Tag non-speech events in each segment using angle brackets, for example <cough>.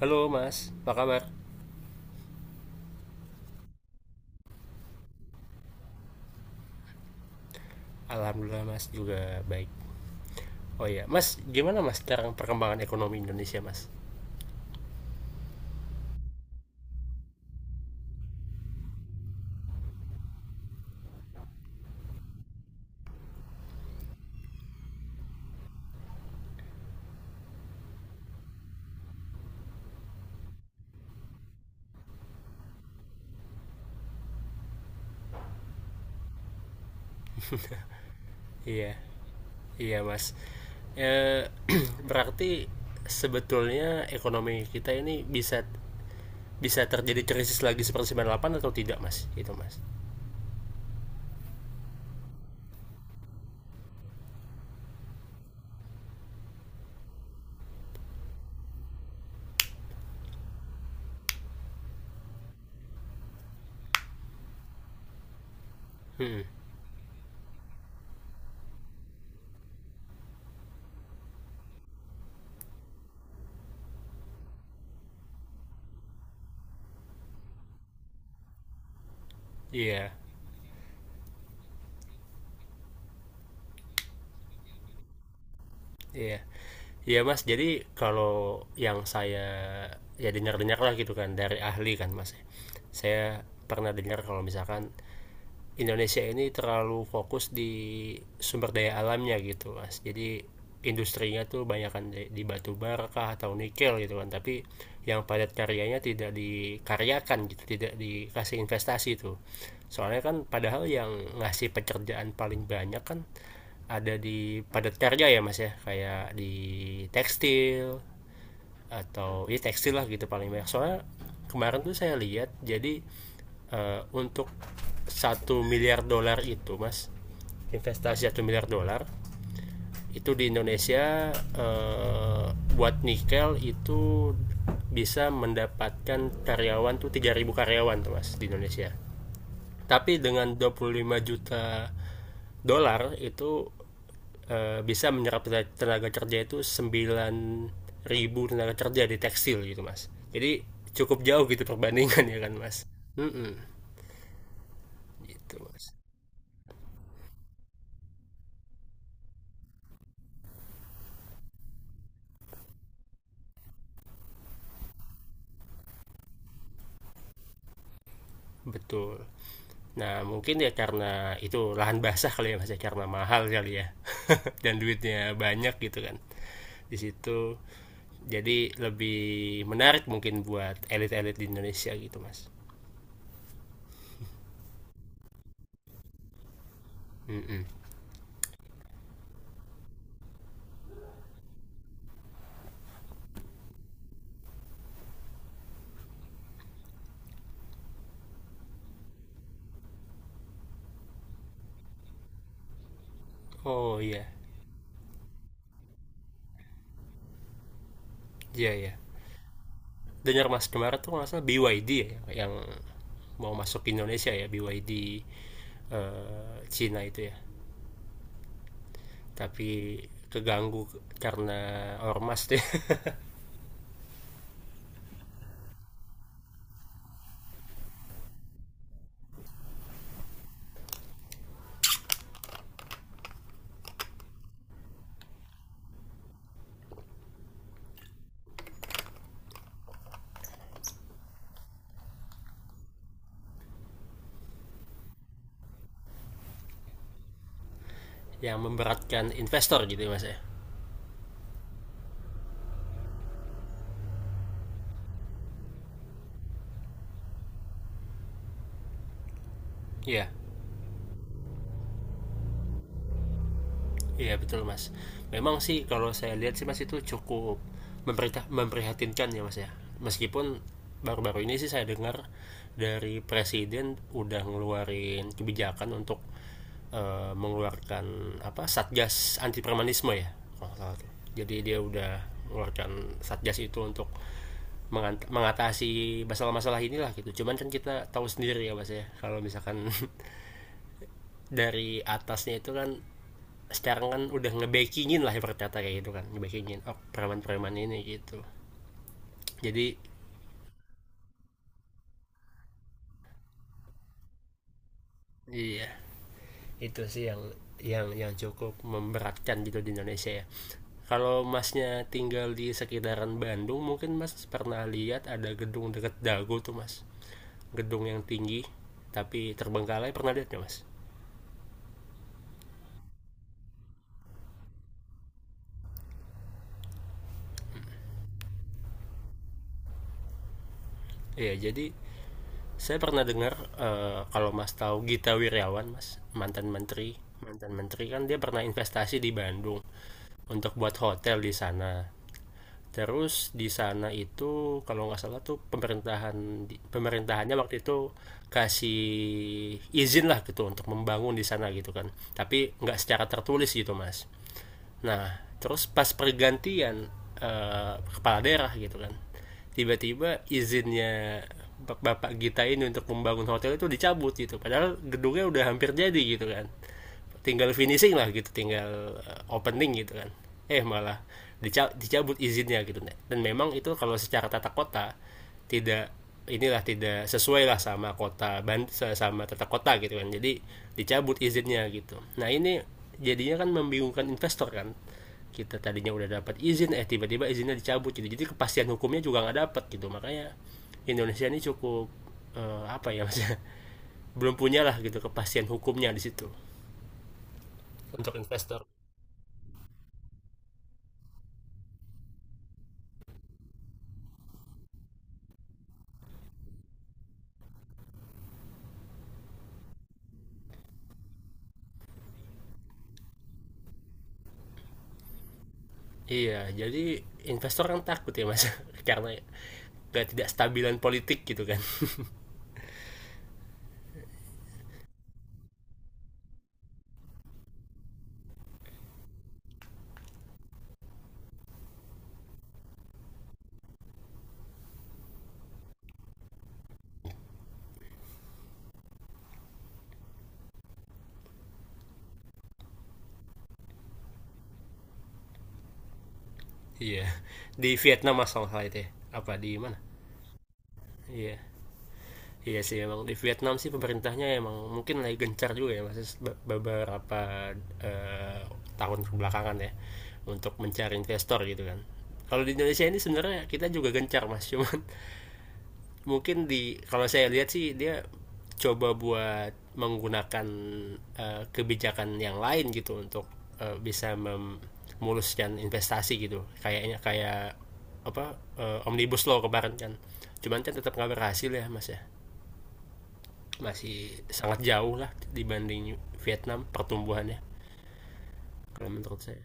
Halo Mas, apa kabar? Alhamdulillah Mas juga baik. Oh iya, Mas, gimana Mas sekarang perkembangan ekonomi Indonesia Mas? Iya, iya Mas. Eh, <clears throat> berarti sebetulnya ekonomi kita ini bisa bisa terjadi krisis lagi seperti sembilan puluh delapan atau tidak Mas? Itu Mas. Hmm, iya, iya. Iya Mas, jadi kalau yang saya ya dengar-dengar lah gitu kan dari ahli kan Mas. Saya pernah dengar kalau misalkan Indonesia ini terlalu fokus di sumber daya alamnya gitu mas, jadi industrinya tuh banyak kan di, batu bara kah atau nikel gitu kan. Tapi yang padat karyanya tidak dikaryakan gitu, tidak dikasih investasi tuh. Soalnya kan padahal yang ngasih pekerjaan paling banyak kan ada di padat karya ya mas ya, kayak di tekstil atau ya tekstil lah gitu paling banyak. Soalnya kemarin tuh saya lihat, jadi untuk 1 miliar dolar itu mas, investasi 1 miliar dolar itu di Indonesia, buat nikel itu bisa mendapatkan karyawan tuh 3.000 karyawan tuh mas di Indonesia. Tapi dengan 25 juta dolar itu, bisa menyerap tenaga kerja itu 9.000 tenaga kerja di tekstil gitu, Mas. Jadi cukup jauh gitu perbandingan <laughs> ya kan, Mas. Mm-mm, gitu, Mas. Betul. Nah, mungkin ya karena itu lahan basah kali ya Mas ya, karena mahal kali ya. <laughs> Dan duitnya banyak gitu kan. Di situ jadi lebih menarik mungkin buat elit-elit di Indonesia gitu, Mas. Mm-mm. Oh iya, iya ya. Dengar Mas kemarin tuh nggak salah BYD ya, yang mau masuk ke Indonesia ya, BYD Cina itu ya. Tapi keganggu karena ormas tuh <laughs> yang memberatkan investor gitu ya mas ya. Iya. Iya betul mas. Memang sih kalau saya lihat sih mas, itu cukup memprihatinkan ya mas ya. Meskipun baru-baru ini sih saya dengar dari presiden udah ngeluarin kebijakan untuk mengeluarkan apa satgas anti premanisme ya. Kalau salah tuh. Jadi dia udah mengeluarkan satgas itu untuk mengatasi masalah-masalah inilah gitu. Cuman kan kita tahu sendiri ya mas ya, kalau misalkan <laughs> dari atasnya itu kan, sekarang kan udah ngebakingin lah ibarat kata kayak gitu kan, ngebakingin oh preman-preman ini gitu. Jadi iya, itu sih yang cukup memberatkan gitu di Indonesia ya. Kalau masnya tinggal di sekitaran Bandung, mungkin mas pernah lihat ada gedung deket Dago tuh mas, gedung yang tinggi tapi terbengkalai, pernah lihat nggak mas? Iya jadi, saya pernah dengar kalau Mas tahu Gita Wirjawan, Mas, mantan menteri. Mantan menteri kan dia pernah investasi di Bandung untuk buat hotel di sana. Terus di sana itu kalau nggak salah tuh, pemerintahannya waktu itu kasih izin lah gitu untuk membangun di sana gitu kan. Tapi nggak secara tertulis gitu mas. Nah terus pas pergantian kepala daerah gitu kan, tiba-tiba izinnya bapak Gita ini untuk membangun hotel itu dicabut gitu. Padahal gedungnya udah hampir jadi gitu kan, tinggal finishing lah gitu, tinggal opening gitu kan, malah dicabut izinnya gitu. Dan memang itu kalau secara tata kota tidak inilah, tidak sesuai lah sama kota, sama tata kota gitu kan, jadi dicabut izinnya gitu. Nah ini jadinya kan membingungkan investor kan. Kita tadinya udah dapat izin, tiba-tiba izinnya dicabut gitu. Jadi kepastian hukumnya juga nggak dapat gitu, makanya Indonesia ini cukup apa ya <laughs> maksudnya belum punya lah gitu kepastian hukumnya di situ untuk investor. Iya, jadi investor kan takut ya mas, <laughs> karena gak tidak stabilan politik gitu kan. <laughs> Iya, di Vietnam masalah itu ya. Apa di mana? Iya, iya sih emang di Vietnam sih pemerintahnya emang mungkin lagi gencar juga ya mas, beberapa eh, tahun kebelakangan ya, untuk mencari investor gitu kan. Kalau di Indonesia ini sebenarnya kita juga gencar mas, <laughs> cuman mungkin di kalau saya lihat sih dia coba buat menggunakan kebijakan yang lain gitu untuk bisa memuluskan investasi gitu, kayaknya kayak apa omnibus law kemarin kan, cuman kan tetap nggak berhasil ya mas ya, masih sangat jauh lah dibanding Vietnam pertumbuhannya, kalau menurut saya.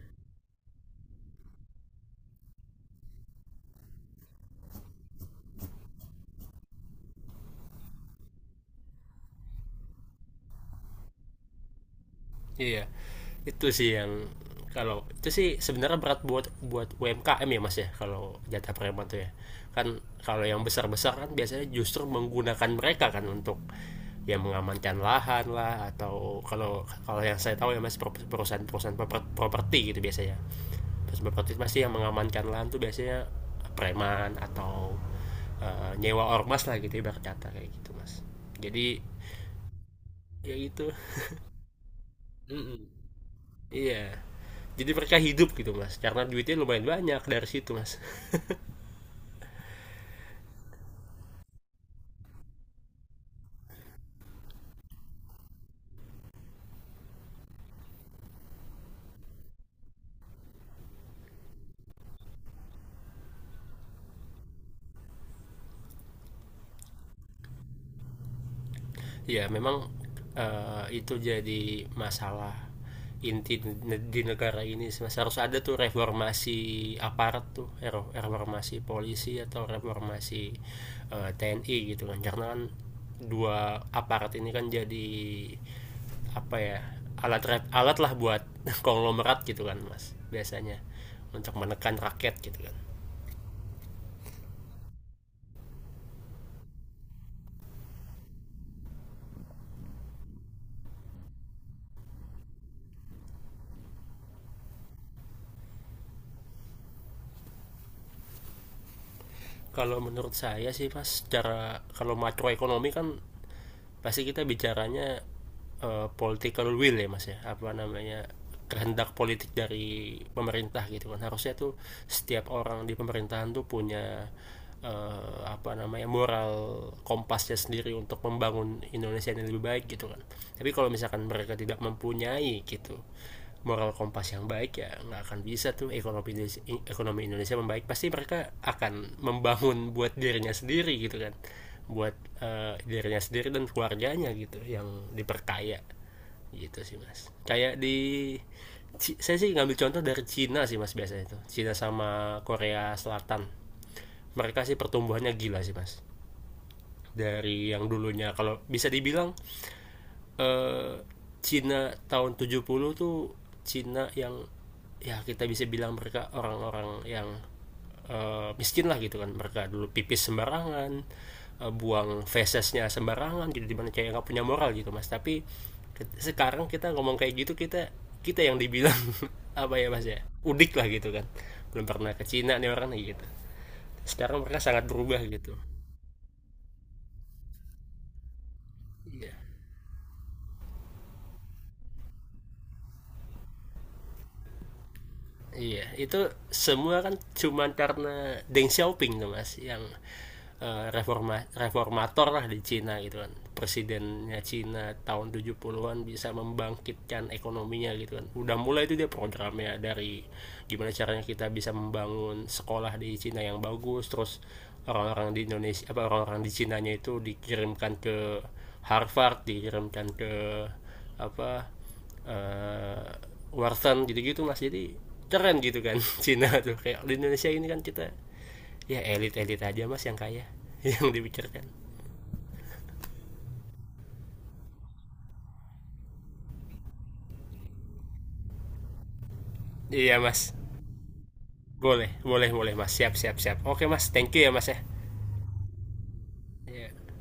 Iya. Itu sih yang, kalau itu sih sebenarnya berat buat buat UMKM ya Mas ya, kalau jatah preman tuh ya. Kan kalau yang besar-besar kan biasanya justru menggunakan mereka kan untuk ya mengamankan lahan lah, atau kalau kalau yang saya tahu ya Mas, perusahaan-perusahaan properti gitu biasanya. Perusahaan properti pasti yang mengamankan lahan tuh biasanya preman, atau nyewa ormas lah gitu ibarat kata kayak gitu Mas. Jadi ya gitu. Mm-mm. Iya, jadi mereka hidup gitu mas karena duitnya lumayan banyak dari situ mas. Ya memang itu jadi masalah inti di negara ini mas, harus ada tuh reformasi aparat tuh, reformasi polisi atau reformasi TNI gitu kan. Karena kan dua aparat ini kan jadi apa ya, alat alat lah buat <laughs> konglomerat gitu kan mas biasanya, untuk menekan rakyat gitu kan. Kalau menurut saya sih Mas, secara kalau makroekonomi kan pasti kita bicaranya political will ya Mas ya, apa namanya, kehendak politik dari pemerintah gitu kan. Harusnya tuh setiap orang di pemerintahan tuh punya apa namanya moral kompasnya sendiri untuk membangun Indonesia yang lebih baik gitu kan. Tapi kalau misalkan mereka tidak mempunyai gitu moral kompas yang baik, ya nggak akan bisa tuh ekonomi Indonesia membaik. Pasti mereka akan membangun buat dirinya sendiri gitu kan, buat dirinya sendiri dan keluarganya gitu yang diperkaya. Gitu sih mas, kayak di saya sih ngambil contoh dari Cina sih mas, biasanya itu Cina sama Korea Selatan mereka sih pertumbuhannya gila sih mas, dari yang dulunya kalau bisa dibilang eh, Cina tahun 70 tuh, Cina yang ya kita bisa bilang mereka orang-orang yang miskin lah gitu kan. Mereka dulu pipis sembarangan, buang fesesnya sembarangan, jadi dimana kayak nggak punya moral gitu mas. Tapi sekarang kita ngomong kayak gitu, kita kita yang dibilang <laughs> apa ya mas ya, udik lah gitu kan, belum pernah ke Cina nih orang gitu. Sekarang mereka sangat berubah gitu. Iya. Iya, itu semua kan cuman karena Deng Xiaoping tuh Mas yang reformator lah di Cina gitu kan. Presidennya Cina tahun 70-an bisa membangkitkan ekonominya gitu kan. Udah mulai itu dia programnya dari gimana caranya kita bisa membangun sekolah di Cina yang bagus, terus orang-orang di Indonesia apa orang-orang di Cinanya itu dikirimkan ke Harvard, dikirimkan ke apa eh Warzone gitu-gitu mas, jadi keren gitu kan. <laughs> Cina tuh, kayak di Indonesia ini kan kita ya elit-elit aja mas yang kaya <laughs> yang dipikirkan. Iya mas, boleh boleh boleh mas, siap siap siap, oke mas, thank you ya mas ya. Iya.